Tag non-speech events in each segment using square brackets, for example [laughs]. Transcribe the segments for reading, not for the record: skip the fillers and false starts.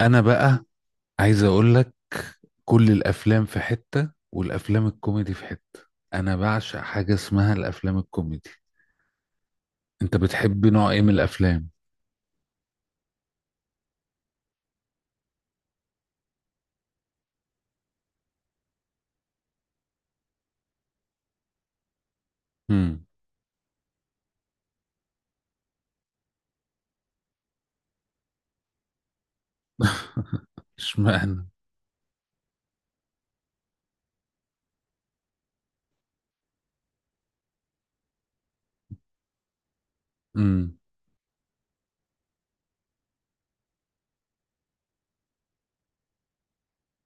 انا بقى عايز اقول لك، كل الافلام في حتة والافلام الكوميدي في حتة. انا بعشق حاجة اسمها الافلام الكوميدي. انت بتحب نوع ايه من الافلام؟ امم. [laughs] اشمعنى؟ امم.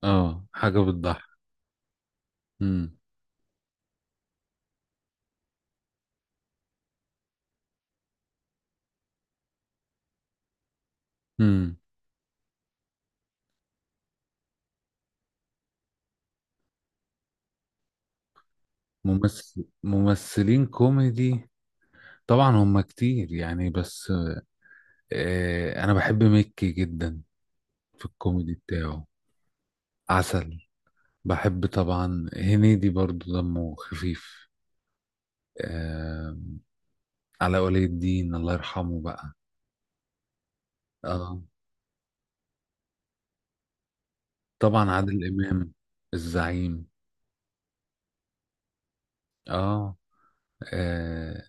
اه، حاجة بتضحك. امم. امم. ممثلين كوميدي، طبعا هم كتير يعني، بس انا بحب مكي جدا في الكوميدي بتاعه. عسل. بحب طبعا هنيدي برضو، دمه خفيف. آه، على ولي الدين الله يرحمه بقى. اه، طبعا عادل امام، الزعيم. اه. آه.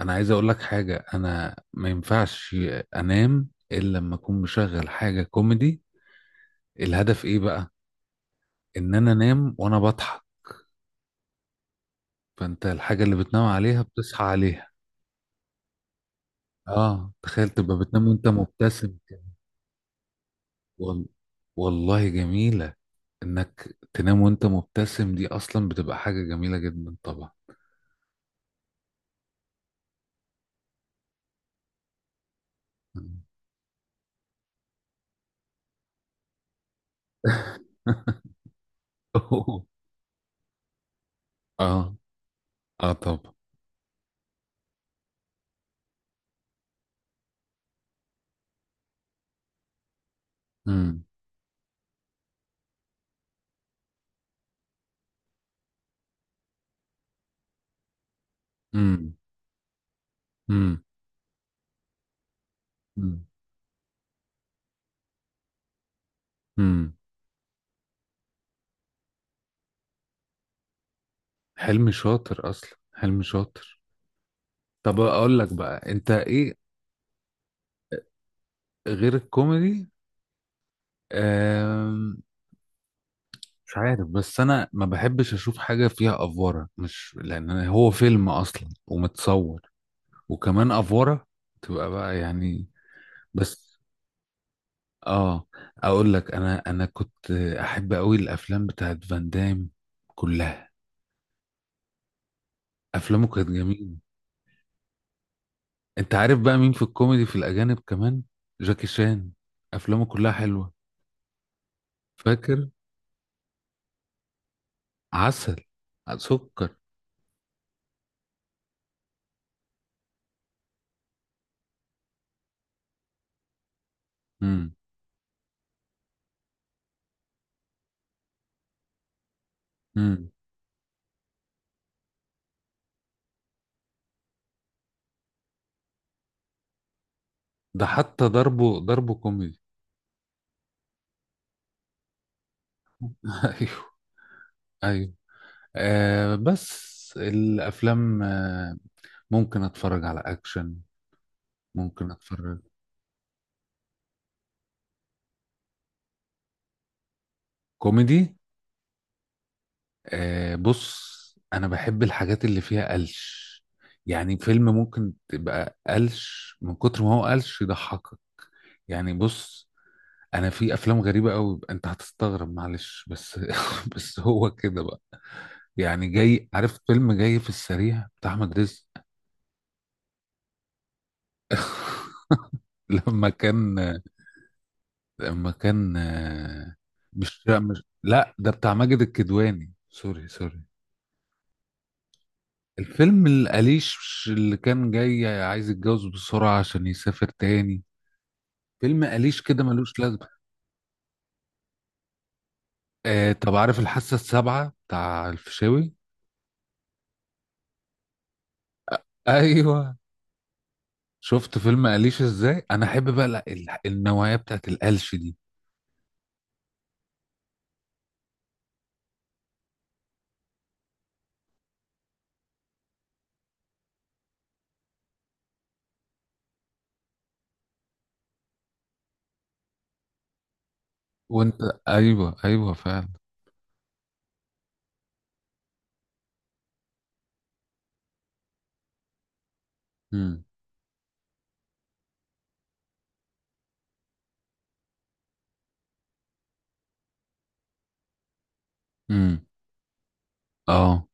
انا عايز اقول لك حاجه، انا ما ينفعش انام الا لما اكون مشغل حاجه كوميدي. الهدف ايه بقى؟ ان انا انام وانا بضحك. فانت الحاجه اللي بتنام عليها بتصحى عليها. اه، تخيل تبقى بتنام وانت مبتسم كده. وال... والله جميله، انك تنام وانت مبتسم دي اصلا بتبقى حاجه جميله جدا طبعا. [laughs] اه، اه، طبعا. امم. امم. امم. امم. أمم. حلمي شاطر اصلا، حلمي شاطر طب اقول لك بقى انت ايه؟ غير الكوميدي، آم، مش عارف، بس انا ما بحبش اشوف حاجه فيها افوره. مش لان أنا- هو فيلم اصلا ومتصور، وكمان افوره، تبقى بقى يعني. بس. اه. اقول لك، انا كنت احب قوي الافلام بتاعت فان دام كلها. افلامه كانت جميله. انت عارف بقى مين في الكوميدي في الاجانب كمان؟ جاكي شان، افلامه كلها حلوه. فاكر. عسل. سكر. امم. امم. ده حتى ضربه، ضربه كوميدي. [laughs] ايوه، ايوه. بس الافلام، ممكن اتفرج على اكشن، ممكن اتفرج. كوميدي؟ بص، انا بحب الحاجات اللي فيها قلش. يعني فيلم ممكن تبقى قلش من كتر ما هو قلش يضحكك. يعني بص، انا في افلام غريبه قوي، انت هتستغرب، معلش بس [laughs] بس هو كده بقى. يعني جاي عارف فيلم جاي في السريع بتاع احمد رزق؟ [laughs] لما كان، لما كان آه، مش، لا، مش، لا، ده بتاع ماجد الكدواني. سوري، سوري. الفيلم القليش اللي كان جاي عايز يتجوز بسرعه عشان يسافر تاني. فيلم قليش كده ملوش لازمه. طب عارف الحاسه السابعه بتاع الفيشاوي؟ [laughs] ايوه. شفت فيلم أليش ازاي؟ انا احب بقى النوعية بتاعت القلش دي. وانت. ايوه، ايوه فعلا. امم. امم. اه،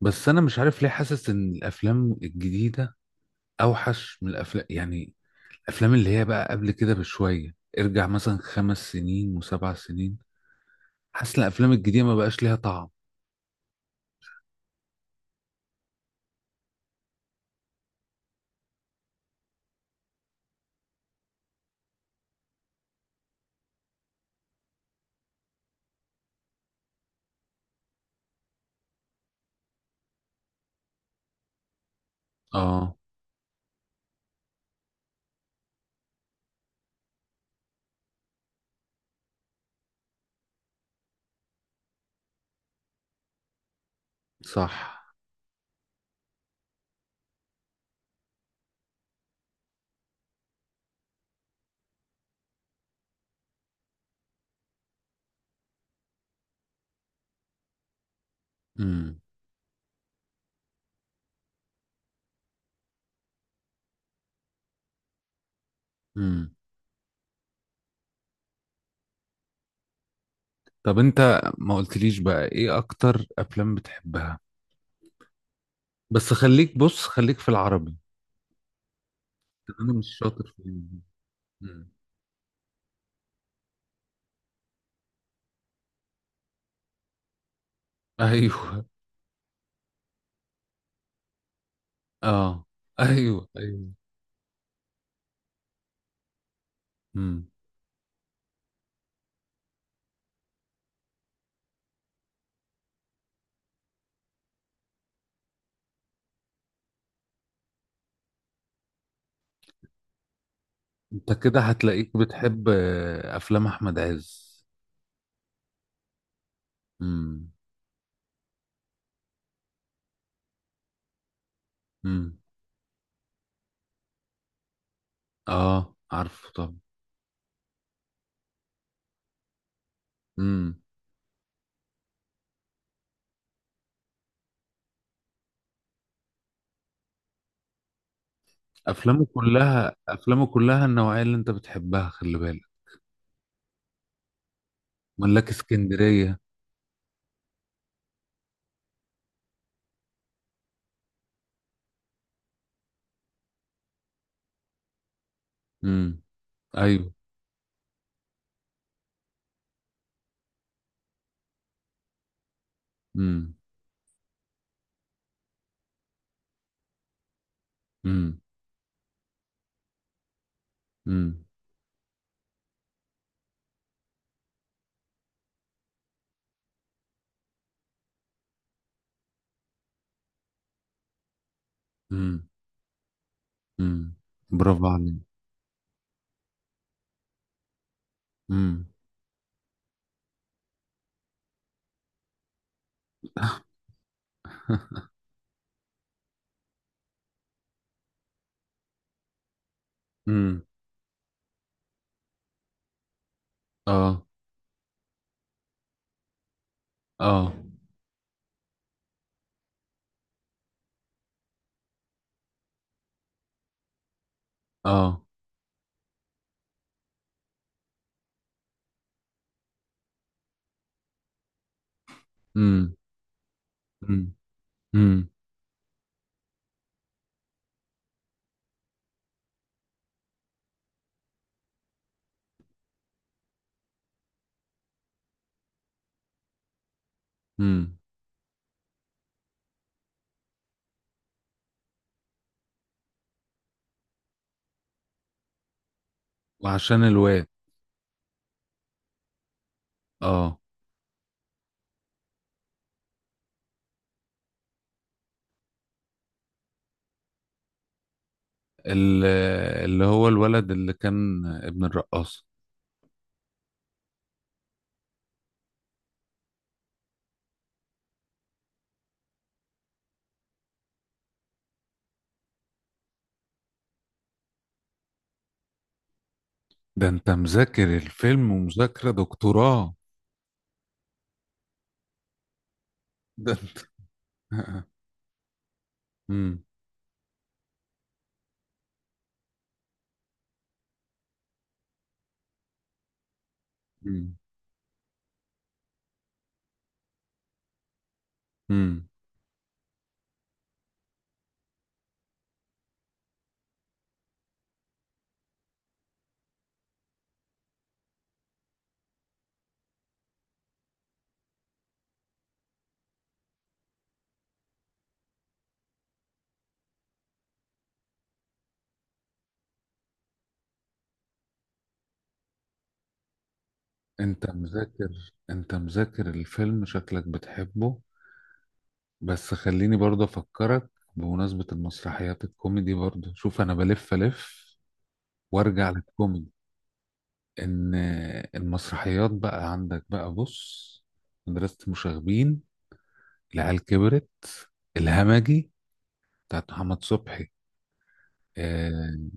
بس انا مش عارف ليه حاسس ان الافلام الجديدة اوحش من الافلام يعني. الافلام اللي هي بقى قبل كده بشوية، ارجع مثلا 5 سنين وسبع سنين، حاسس ان الافلام الجديدة ما بقاش ليها طعم. اه. صح. امم. امم. طب انت ما قلتليش بقى ايه اكتر افلام بتحبها؟ بس خليك، بص خليك في العربي. انا مش شاطر في ال- مم. ايوه. [laughs] اه. ايوه، ايوه. مم. انت كده هتلاقيك بتحب افلام احمد عز. مم. مم. اه، عارفه طبعا. مم. افلامه كلها النوعيه اللي انت بتحبها، خلي بالك. ملاك اسكندريه. مم. ايوه. مم. مم. مم. مم. مم. برافو عليك. مم. [laughs] امم. اه، اه، اه. امم. امم. وعشان الواد. اه. ال- اللي هو الولد اللي كان ابن الرقاصة. ده انت مذاكر الفيلم ومذاكرة دكتوراه. ده انت. [laughs] امم. امم. امم. انت مذاكر الفيلم، شكلك بتحبه. بس خليني برضه افكرك، بمناسبة المسرحيات الكوميدي برضه. شوف، انا بلف الف وارجع للكوميدي. ان المسرحيات بقى عندك بقى، بص: مدرسة مشاغبين، العيال كبرت، الهمجي بتاعت محمد صبحي. آه.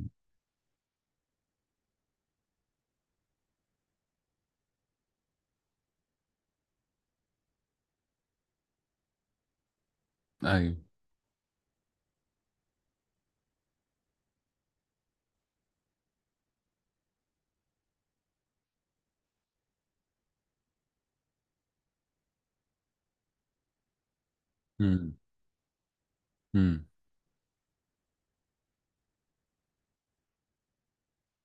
ايوه. امم. امم.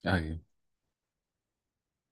ايوه.